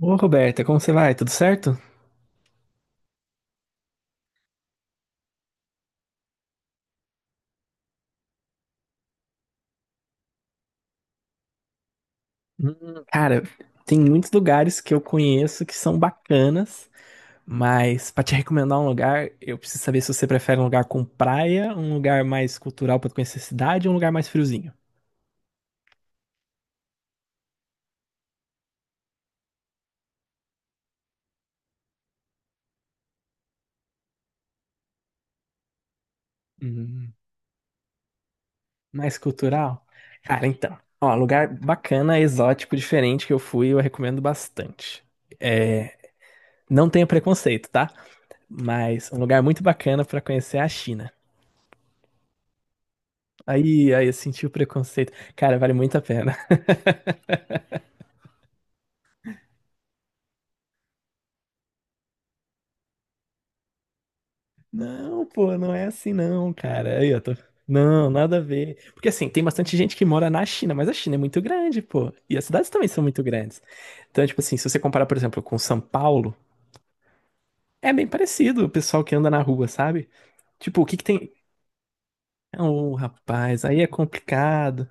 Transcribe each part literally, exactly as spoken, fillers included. Ô, Roberta, como você vai? Tudo certo? Hum, cara, tem muitos lugares que eu conheço que são bacanas, mas pra te recomendar um lugar, eu preciso saber se você prefere um lugar com praia, um lugar mais cultural pra conhecer a cidade, ou um lugar mais friozinho. Hum. Mais cultural? Cara, então. Ó, lugar bacana, exótico, diferente que eu fui, eu recomendo bastante. É, não tenho preconceito, tá? Mas um lugar muito bacana pra conhecer é a China. Aí, aí eu senti o preconceito. Cara, vale muito a pena. Não, pô, não é assim não, cara. Aí eu tô... Não, nada a ver. Porque assim, tem bastante gente que mora na China, mas a China é muito grande, pô. E as cidades também são muito grandes. Então, tipo assim, se você comparar, por exemplo, com São Paulo, é bem parecido o pessoal que anda na rua, sabe? Tipo, o que que tem. Então, ô, rapaz, aí é complicado.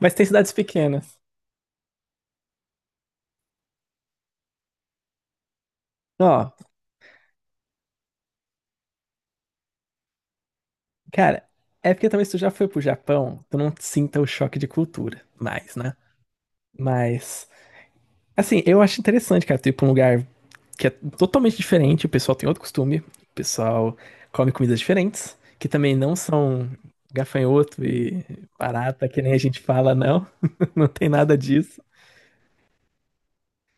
Mas tem cidades pequenas. Ó, cara, é porque talvez tu já foi pro Japão, tu não sinta o choque de cultura mais, né? Mas, assim, eu acho interessante, cara, tu ir pra um lugar que é totalmente diferente, o pessoal tem outro costume, o pessoal come comidas diferentes, que também não são gafanhoto e barata, que nem a gente fala, não. Não tem nada disso.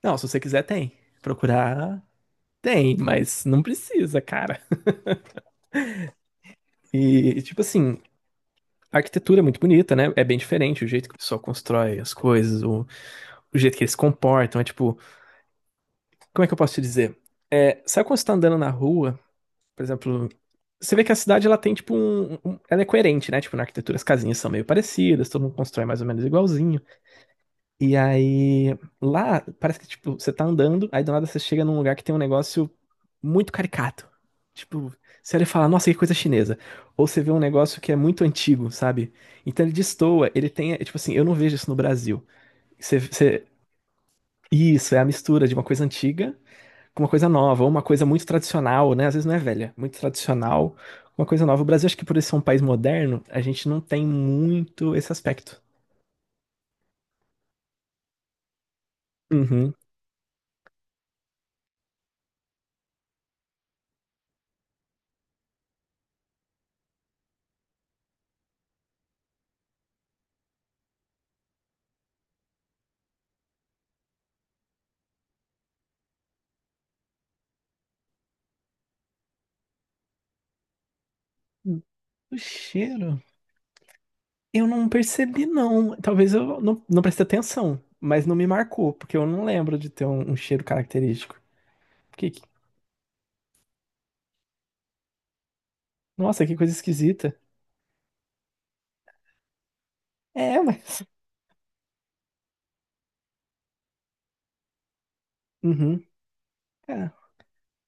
Não, se você quiser, tem. Procurar, tem, mas não precisa, cara. E, tipo assim, a arquitetura é muito bonita, né? É bem diferente o jeito que o pessoal constrói as coisas, o, o jeito que eles se comportam. É tipo, como é que eu posso te dizer? É, sabe quando você tá andando na rua, por exemplo, você vê que a cidade ela tem tipo um, um- Ela é coerente, né? Tipo, na arquitetura as casinhas são meio parecidas, todo mundo constrói mais ou menos igualzinho. E aí, lá, parece que, tipo, você tá andando, aí do nada você chega num lugar que tem um negócio muito caricato. Tipo, você olha e fala, nossa, que coisa chinesa. Ou você vê um negócio que é muito antigo, sabe? Então ele destoa, ele tem, é, tipo assim, eu não vejo isso no Brasil. Você, você- Isso, é a mistura de uma coisa antiga com uma coisa nova, ou uma coisa muito tradicional, né? Às vezes não é velha, muito tradicional, uma coisa nova. O Brasil, acho que por ele ser um país moderno, a gente não tem muito esse aspecto. Uhum. O cheiro? Eu não percebi, não. Talvez eu não, não prestei atenção, mas não me marcou, porque eu não lembro de ter um, um cheiro característico. Que, que- Nossa, que coisa esquisita. É, mas. Uhum. É,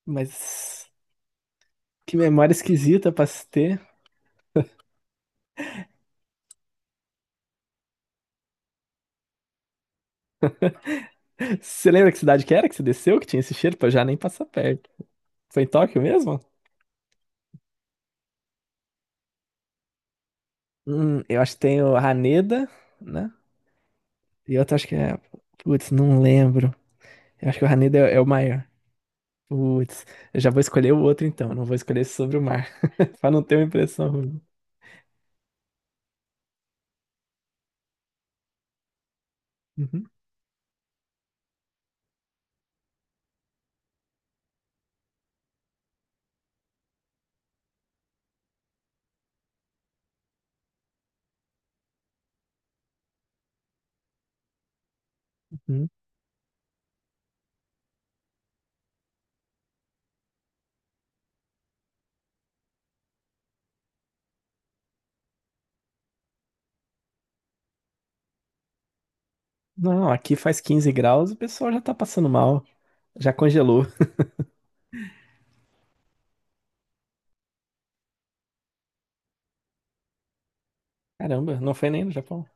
mas. Que memória esquisita pra se ter. Você lembra que cidade que era que você desceu, que tinha esse cheiro? Pra eu já nem passar perto. Foi em Tóquio mesmo? Hum, eu acho que tem o Haneda, né? E outro acho que é. Putz, não lembro. Eu acho que o Haneda é, é o maior. Putz, eu já vou escolher o outro então, não vou escolher esse sobre o mar, pra não ter uma impressão ruim. Uhum, uhum. Não, aqui faz quinze graus, o pessoal já tá passando mal, já congelou. Caramba, não foi nem no Japão.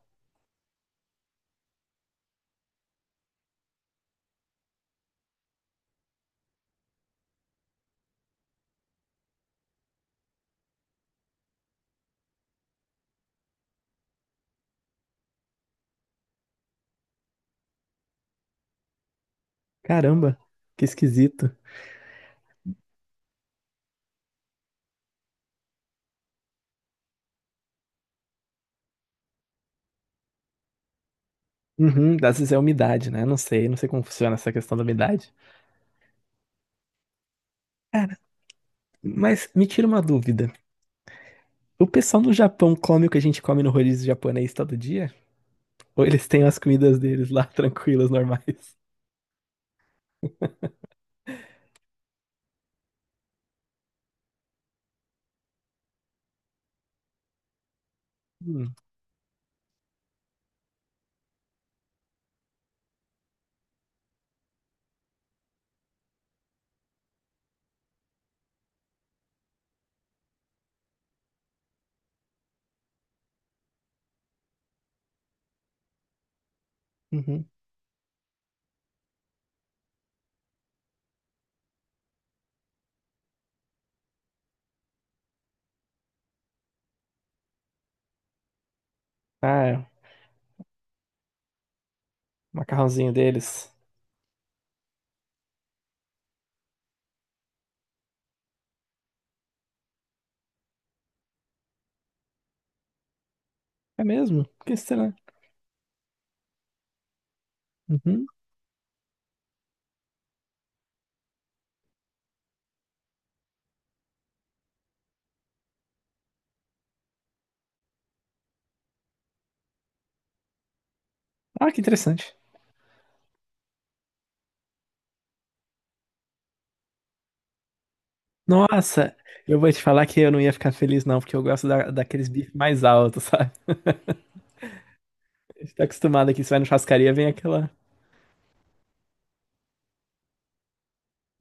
Caramba, que esquisito. Uhum, às vezes é umidade, né? Não sei, não sei como funciona essa questão da umidade. Cara, mas me tira uma dúvida. O pessoal no Japão come o que a gente come no rodízio japonês todo dia? Ou eles têm as comidas deles lá tranquilas, normais? Hum, uhum. Ah, é, o macarrãozinho deles. É mesmo? Que será? Uhum. Ah, que interessante. Nossa, eu vou te falar que eu, não ia ficar feliz, não, porque eu gosto da, daqueles bifes mais altos, sabe? A gente tá acostumado aqui, você vai na churrascaria, vem aquela.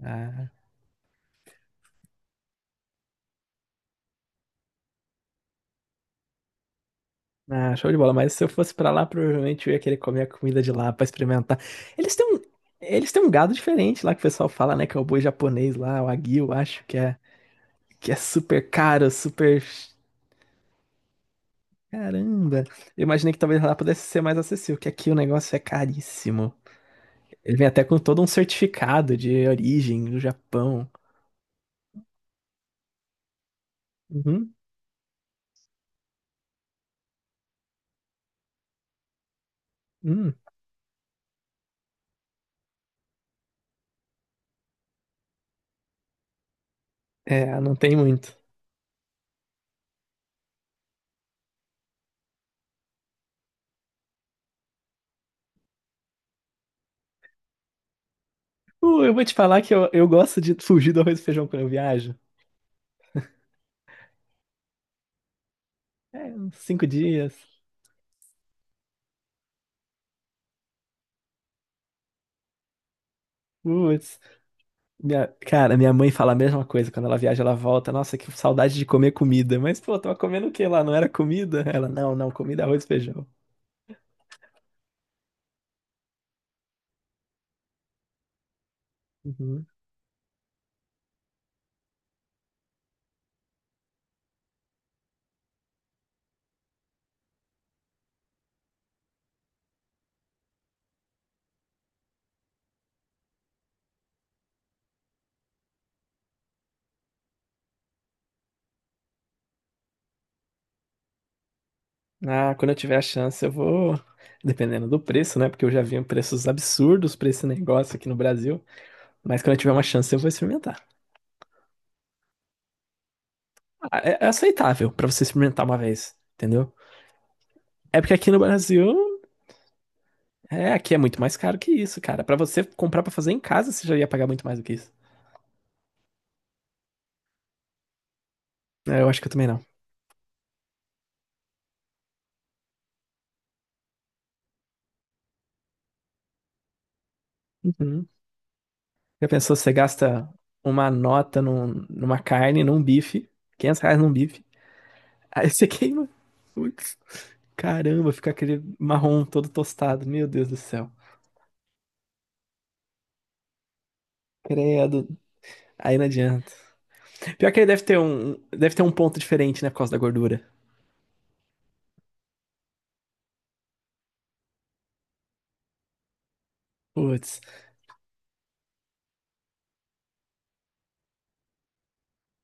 Ah, ah, show de bola. Mas se eu fosse pra lá, provavelmente eu ia querer comer a comida de lá pra experimentar. Eles têm um, eles têm um gado diferente lá que o pessoal fala, né? Que é o boi japonês lá, o Wagyu, eu acho que é, que é super caro, super. Caramba! Eu imaginei que talvez lá pudesse ser mais acessível, que aqui o negócio é caríssimo. Ele vem até com todo um certificado de origem do Japão. Uhum, hum. É, não tem muito. Uh, eu vou te falar que eu, eu gosto de fugir do arroz e feijão quando eu viajo. É, uns cinco dias. Putz. Minha, cara, minha mãe fala a mesma coisa. Quando ela viaja, ela volta. Nossa, que saudade de comer comida. Mas, pô, tava comendo o quê lá? Não era comida? Ela, não, não, comida é arroz e feijão. Uhum. Ah, quando eu tiver a chance, eu vou. Dependendo do preço, né? Porque eu já vi preços absurdos pra esse negócio aqui no Brasil. Mas quando eu tiver uma chance, eu vou experimentar. Ah, é é aceitável pra você experimentar uma vez, entendeu? É porque aqui no Brasil, é, aqui é muito mais caro que isso, cara. Pra você comprar pra fazer em casa, você já ia pagar muito mais do que isso. É, eu acho que eu também não. Uhum. Já pensou, você gasta uma nota num- numa carne, num bife, quinhentos reais num bife, aí você queima. Putz, caramba, fica aquele marrom todo tostado, meu Deus do céu. Credo, aí não adianta. Pior que aí deve ter um, deve ter um ponto diferente, né, por causa da gordura. Putz,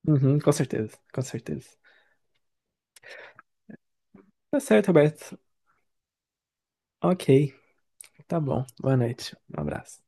uhum, com certeza, com certeza. Tá certo, Roberto. Ok, tá bom. Boa noite. Um abraço.